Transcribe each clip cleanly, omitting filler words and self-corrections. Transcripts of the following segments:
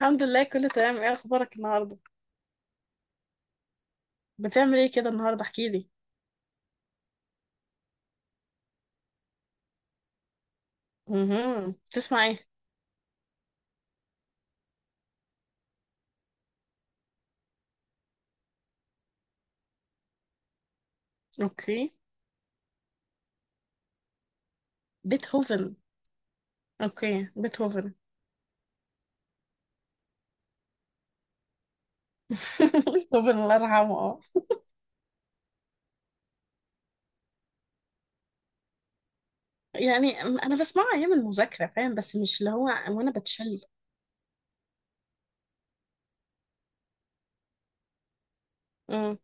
الحمد لله كله تمام، ايه اخبارك النهارده؟ بتعمل ايه كده النهارده احكي لي؟ تسمع ايه؟ اوكي. بيتهوفن. اوكي بيتهوفن. بيتهوفن الله يرحمه، اه. يعني انا بسمعه ايام المذاكره فاهم، بس مش اللي هو وانا بتشل. امم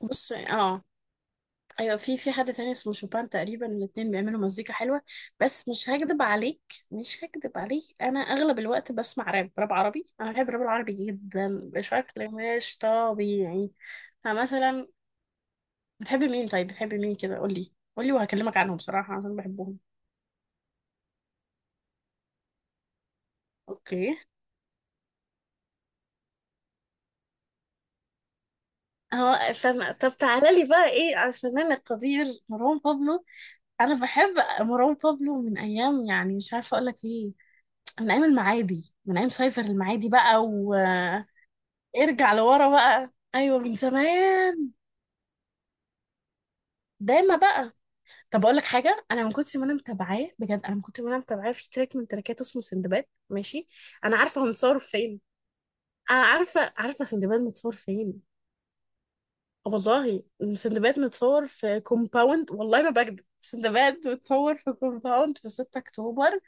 بص، اه. ايوه، في حد تاني اسمه شوبان تقريبا، الاتنين بيعملوا مزيكا حلوه. بس مش هكدب عليك، مش هكدب عليك، انا اغلب الوقت بسمع راب، راب عربي، انا بحب الراب العربي جدا بشكل مش طبيعي. فمثلا بتحبي مين؟ طيب بتحبي مين كده قولي؟ قولي وهكلمك عنهم بصراحة عشان بحبهم. اوكي. هو استنى، طب تعالى لي بقى ايه على الفنان القدير مروان بابلو؟ انا بحب مروان بابلو من ايام، يعني مش عارفة اقول لك ايه، من ايام المعادي، من ايام سايفر المعادي بقى وارجع لورا بقى. ايوه من زمان. دايما بقى. طب اقول لك حاجه، انا من كنت ما انا متابعاه، بجد انا من كنت ما انا متابعاه، في تراك من تراكاته اسمه سندباد، ماشي؟ انا عارفه هو متصور فين. انا عارفه سندباد متصور فين. والله، سندباد متصور في كومباوند، والله ما بكدب، سندباد متصور في كومباوند في 6 اكتوبر.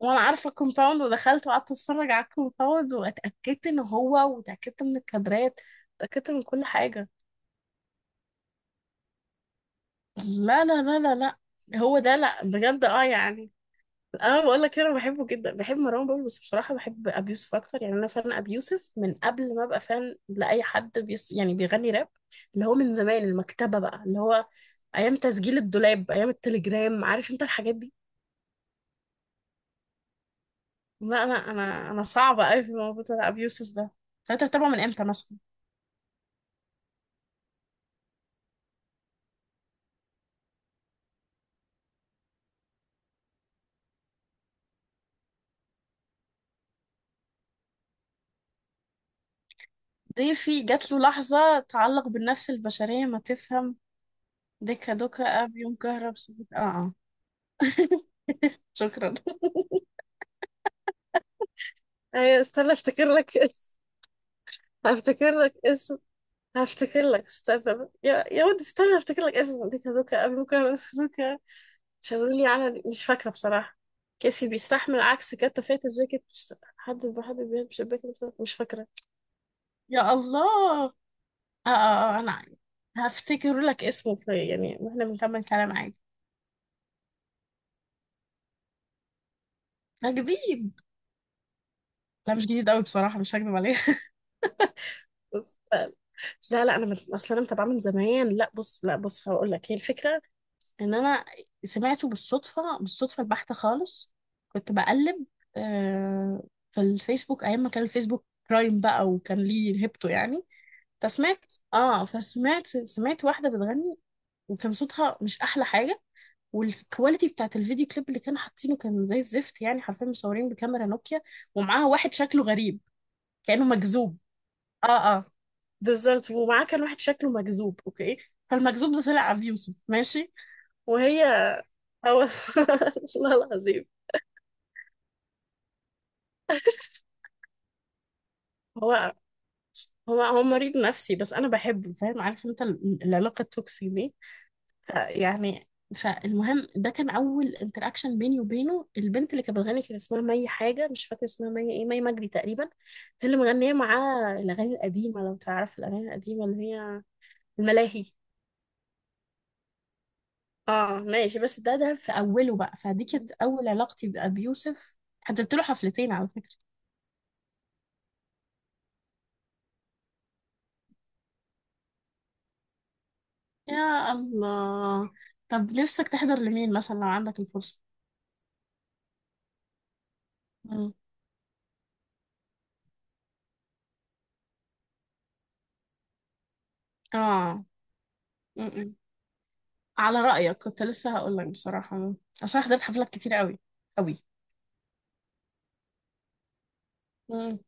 وانا عارفه الكومباوند، ودخلت وقعدت اتفرج على الكومباوند، واتاكدت ان هو، واتاكدت من الكادرات، اتاكدت من كل حاجه. لا لا لا لا لا، هو ده، لا بجد اه يعني. انا بقول لك، انا بحبه جدا، بحب مروان بابلو، بس بصراحه بحب ابي يوسف اكتر، يعني انا فان ابي يوسف من قبل ما ابقى فان لاي حد بيس يعني بيغني راب. اللي هو من زمان المكتبه بقى، اللي هو ايام تسجيل الدولاب، ايام التليجرام، عارف انت الحاجات دي. لا انا صعبه قوي في الموضوع بتاع ابي يوسف ده. فانت بتابعه من امتى مثلا؟ ضيفي جات له لحظه تعلق بالنفس البشريه ما تفهم، دكا دوكا اب يوم كهرب سبت اه آه. شكرا. ايوه استنى افتكر لك اسم، افتكر لك اسم. هفتكر لك استنى بقى. يا يا ودي، استنى هفتكر لك اسمه، دي كادوكا ابوكا راسلوكا، شاورولي على دي. مش فاكره بصراحه. كيسي بيستحمل عكس كتة فات الجاكيت مش حد بحد بيلبس شباك. مش فاكره. يا الله. آه, آه, آه انا هفتكر لك اسمه، في يعني واحنا بنكمل كلام عادي. ده جديد؟ لا مش جديد قوي بصراحه، مش هكدب عليك. بس لا لا، انا اصلا انا متابعه من زمان. لا بص، لا بص هقول لك، هي الفكره ان انا سمعته بالصدفه، بالصدفه البحته خالص. كنت بقلب آه، في الفيسبوك ايام ما كان الفيسبوك برايم بقى وكان ليه هيبته يعني. فسمعت واحده بتغني، وكان صوتها مش احلى حاجه، والكواليتي بتاعت الفيديو كليب اللي كانوا حاطينه كان زي الزفت، يعني حرفيا مصورين بكاميرا نوكيا، ومعاها واحد شكله غريب كأنه مجذوب. اه اه بالظبط، ومعاه كان واحد شكله مجذوب، اوكي؟ فالمجذوب ده طلع ابي يوسف، ماشي. وهي، هو والله العظيم. هو هو مريض نفسي بس انا بحبه فاهم، عارف انت العلاقه التوكسي دي. يعني فالمهم، ده كان اول انتراكشن بيني وبينه. البنت اللي كانت بتغني كان اسمها مي حاجه، مش فاكره اسمها مي ايه، مي مجدي تقريبا. دي اللي مغنيه معاه الاغاني القديمه، لو تعرف الاغاني القديمه اللي هي الملاهي. اه ماشي، بس ده في اوله بقى، فدي كانت اول علاقتي بأبي يوسف. حضرت له حفلتين على فكره. يا الله. طب نفسك تحضر لمين مثلا لو عندك الفرصة؟ مم. اه، مم. على رأيك، كنت لسه هقول لك بصراحة، مم، عشان حضرت حفلات كتير قوي. قوي. مم.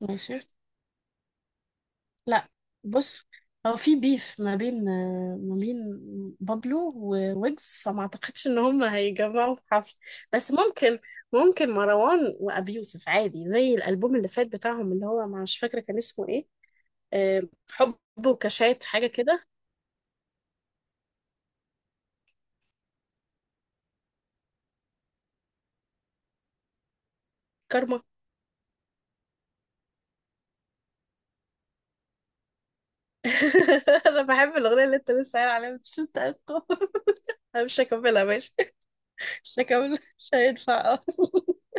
ماشي. لا، بص، هو في بيف ما بين، ما بين بابلو وويجز، فما اعتقدش ان هم هيجمعوا في حفل. بس ممكن، ممكن مروان وابي يوسف عادي، زي الالبوم اللي فات بتاعهم اللي هو مش فاكرة كان اسمه ايه. آه، حب وكاشات حاجة كده. كارما. انا بحب الاغنيه اللي انت لسه قايل عليها مش انت أقوى. انا مش هكملها ماشي. مش هكملها، مش هينفع اه.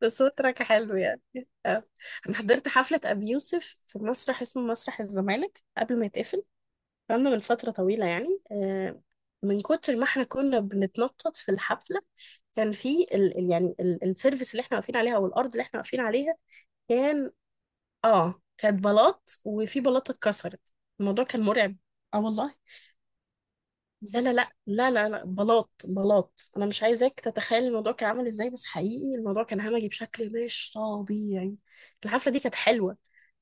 بس هو تراك حلو يعني. اه. انا حضرت حفله ابي يوسف في مسرح اسمه مسرح الزمالك قبل ما يتقفل. كان من فتره طويله يعني، من كتر ما احنا كنا بنتنطط في الحفله، كان في السيرفيس اللي احنا واقفين عليها، او الارض اللي احنا واقفين عليها كان، اه، كانت بلاط، وفي بلاطه اتكسرت. الموضوع كان مرعب. اه والله. لا لا لا لا لا لا، بلاط بلاط، انا مش عايزاك تتخيل الموضوع كان عامل ازاي، بس حقيقي الموضوع كان همجي بشكل مش طبيعي. الحفله دي كانت حلوه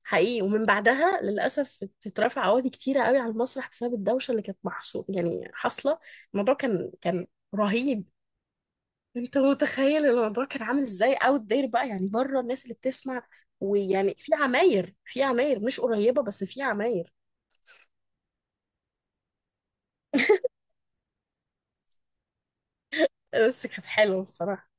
حقيقي، ومن بعدها للاسف اترفع عقود كتيره قوي على المسرح بسبب الدوشه اللي كانت محصو يعني حاصله. الموضوع كان رهيب. انت متخيل الموضوع كان عامل ازاي اوت داير بقى، يعني بره الناس اللي بتسمع، ويعني في عماير، في عماير مش قريبه بس في عماير. بس كانت حلوه بصراحه.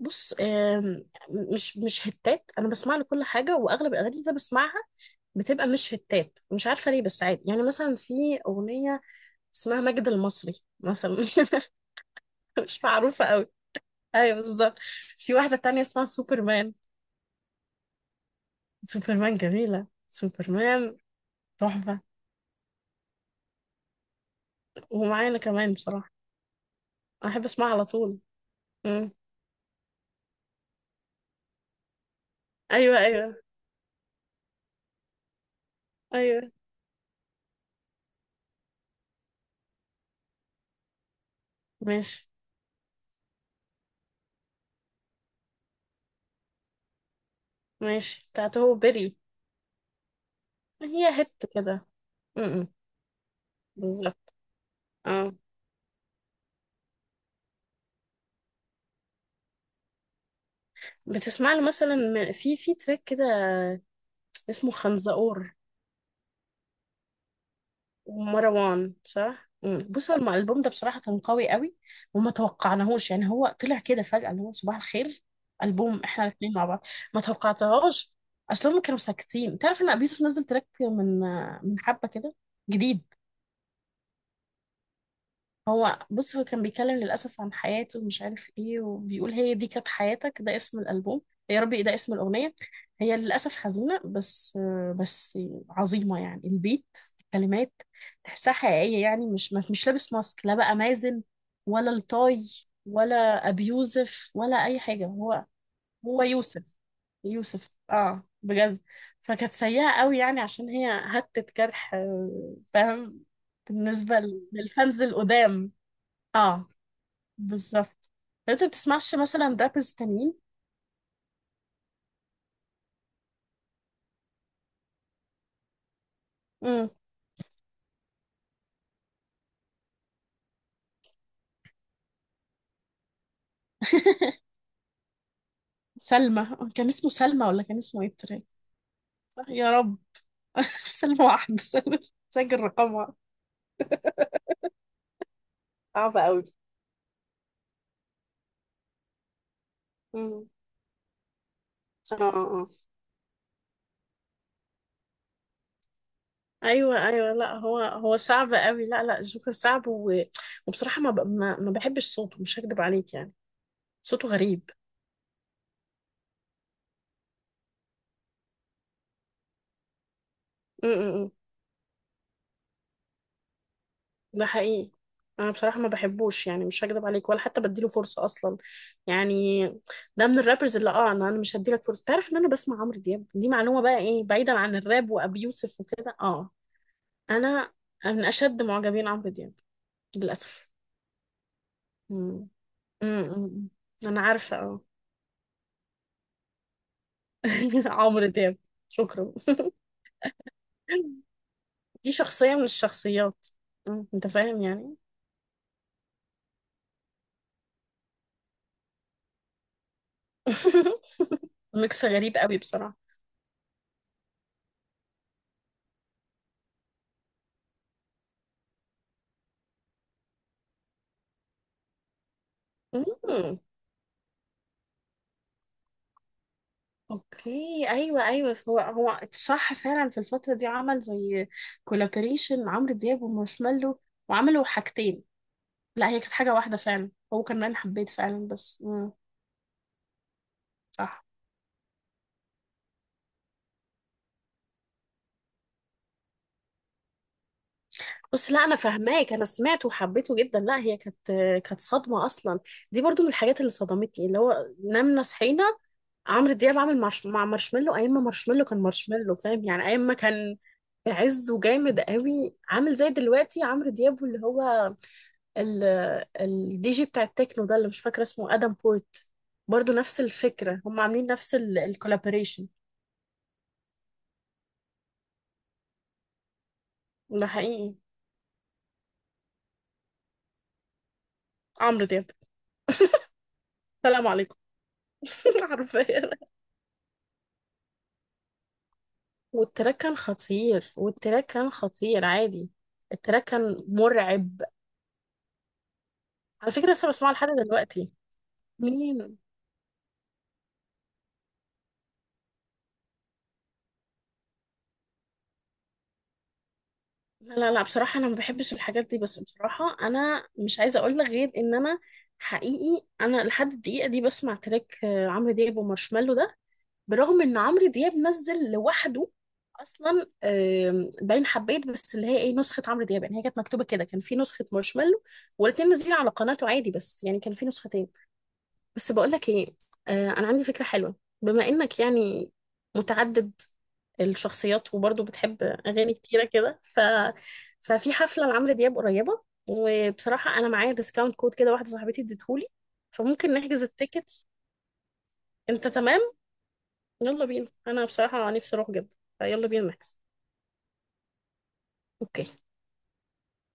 بص مش هتات، انا بسمع لكل حاجه، واغلب الاغاني اللي أنا بسمعها بتبقى مش هتات، مش عارفه ليه، بس عادي. يعني مثلا في اغنيه اسمها مجد المصري مثلا. مش معروفه قوي. ايوه بالظبط. في واحده تانية اسمها سوبرمان. سوبرمان جميله، سوبرمان تحفه، ومعانا كمان بصراحه. أنا احب اسمعها على طول. مم. ايوه. ايوه ماشي. ماشي بتاعته هو بيري. هي هت كده، م- م. بالظبط. آه. بتسمع له مثلا، في في تراك كده اسمه خنزقور ومروان، صح؟ مم. بص، هو الالبوم ده بصراحة كان قوي قوي، وما توقعناهوش يعني، هو طلع كده فجأة اللي هو صباح الخير. ألبوم احنا الاثنين مع بعض، ما توقعتهاش. اصلا هم كانوا ساكتين، تعرف ان ابيوسف نزل تراك من حبة كده جديد. هو بص، هو كان بيتكلم للأسف عن حياته ومش عارف ايه، وبيقول هي دي كانت حياتك، ده اسم الألبوم، يا ربي ده اسم الأغنية. هي للأسف حزينة، بس بس عظيمة يعني. البيت، الكلمات، تحسها حقيقية، يعني مش لابس ماسك، لا بقى مازن، ولا الطاي، ولا أبي يوسف ولا أي حاجة، هو هو يوسف، يوسف اه بجد. فكانت سيئة قوي يعني عشان هي هتت جرح، فاهم، بالنسبة للفانز القدام. اه بالظبط. لو انت بتسمعش مثلا رابرز تانيين. امم. سلمى، كان اسمه سلمى ولا كان اسمه ايه التراك؟ صح يا رب. سلمى واحد سلمى، سجل رقمها. صعب قوي. امم. اه آه. ايوه ايوه، لا هو هو صعب قوي، لا لا جوكر صعب. و... وبصراحه ما, ب... ما ما بحبش صوته، مش هكدب عليك يعني. صوته غريب. م- م- م. ده حقيقي. انا بصراحه ما بحبوش يعني، مش هكدب عليك، ولا حتى بديله فرصه اصلا يعني. ده من الرابرز اللي اه، انا مش هديلك فرصه، تعرف ان انا بسمع عمرو دياب؟ دي معلومه بقى، ايه بعيدا عن الراب وابي يوسف وكده، اه. انا من اشد معجبين عمرو دياب للاسف. مم. مم. مم. انا عارفه، اه. عمرو دياب، شكرا. دي شخصيه من الشخصيات، مم، انت فاهم يعني. ميكس غريب قوي بصراحه. مم. اوكي. ايوه. هو صح فعلا، في الفتره دي عمل زي كولابوريشن عمرو دياب ومارشميلو، وعملوا حاجتين. لا هي كانت حاجه واحده فعلا، هو كان انا حبيت فعلا بس، مم. صح. بس لا انا فاهماك، انا سمعته وحبيته جدا. لا هي كانت صدمه اصلا. دي برضو من الحاجات اللي صدمتني، اللي هو نمنا صحينا عمرو دياب عامل مع مارشميلو، ايام ما مارشميلو فاهم يعني، ايام ما كان عزه جامد قوي، عامل زي دلوقتي عمرو دياب اللي هو ال الدي جي بتاع التكنو ده اللي مش فاكرة اسمه ادم بورت. برضو نفس الفكرة، هم عاملين نفس الكولابوريشن. ده حقيقي. عمرو دياب، سلام عليكم. حرفيا. والتراك كان خطير عادي. التراك كان مرعب. على فكرة لسه بسمعه لحد دلوقتي. مين؟ لا لا لا، بصراحة أنا ما بحبش الحاجات دي، بس بصراحة أنا مش عايزة أقول لك غير إن أنا حقيقي أنا لحد الدقيقة دي بسمع تراك عمرو دياب ومارشميلو ده، برغم ان عمرو دياب نزل لوحده اصلا. باين حبيت، بس اللي هي ايه نسخه عمرو دياب يعني، هي كانت مكتوبه كده، كان في نسخه مارشميلو، والاتنين نازلين على قناته عادي، بس يعني كان في نسختين. بس بقول لك ايه، انا عندي فكره حلوه. بما انك يعني متعدد الشخصيات، وبرضه بتحب اغاني كتيره كده، ف ففي حفله لعمرو دياب قريبه، وبصراحه انا معايا ديسكاونت كود كده، واحده صاحبتي اديتهولي، فممكن نحجز التيكتس. انت تمام؟ يلا بينا، انا بصراحة نفسي اروح جدا، فيلا بينا نحجز. اوكي.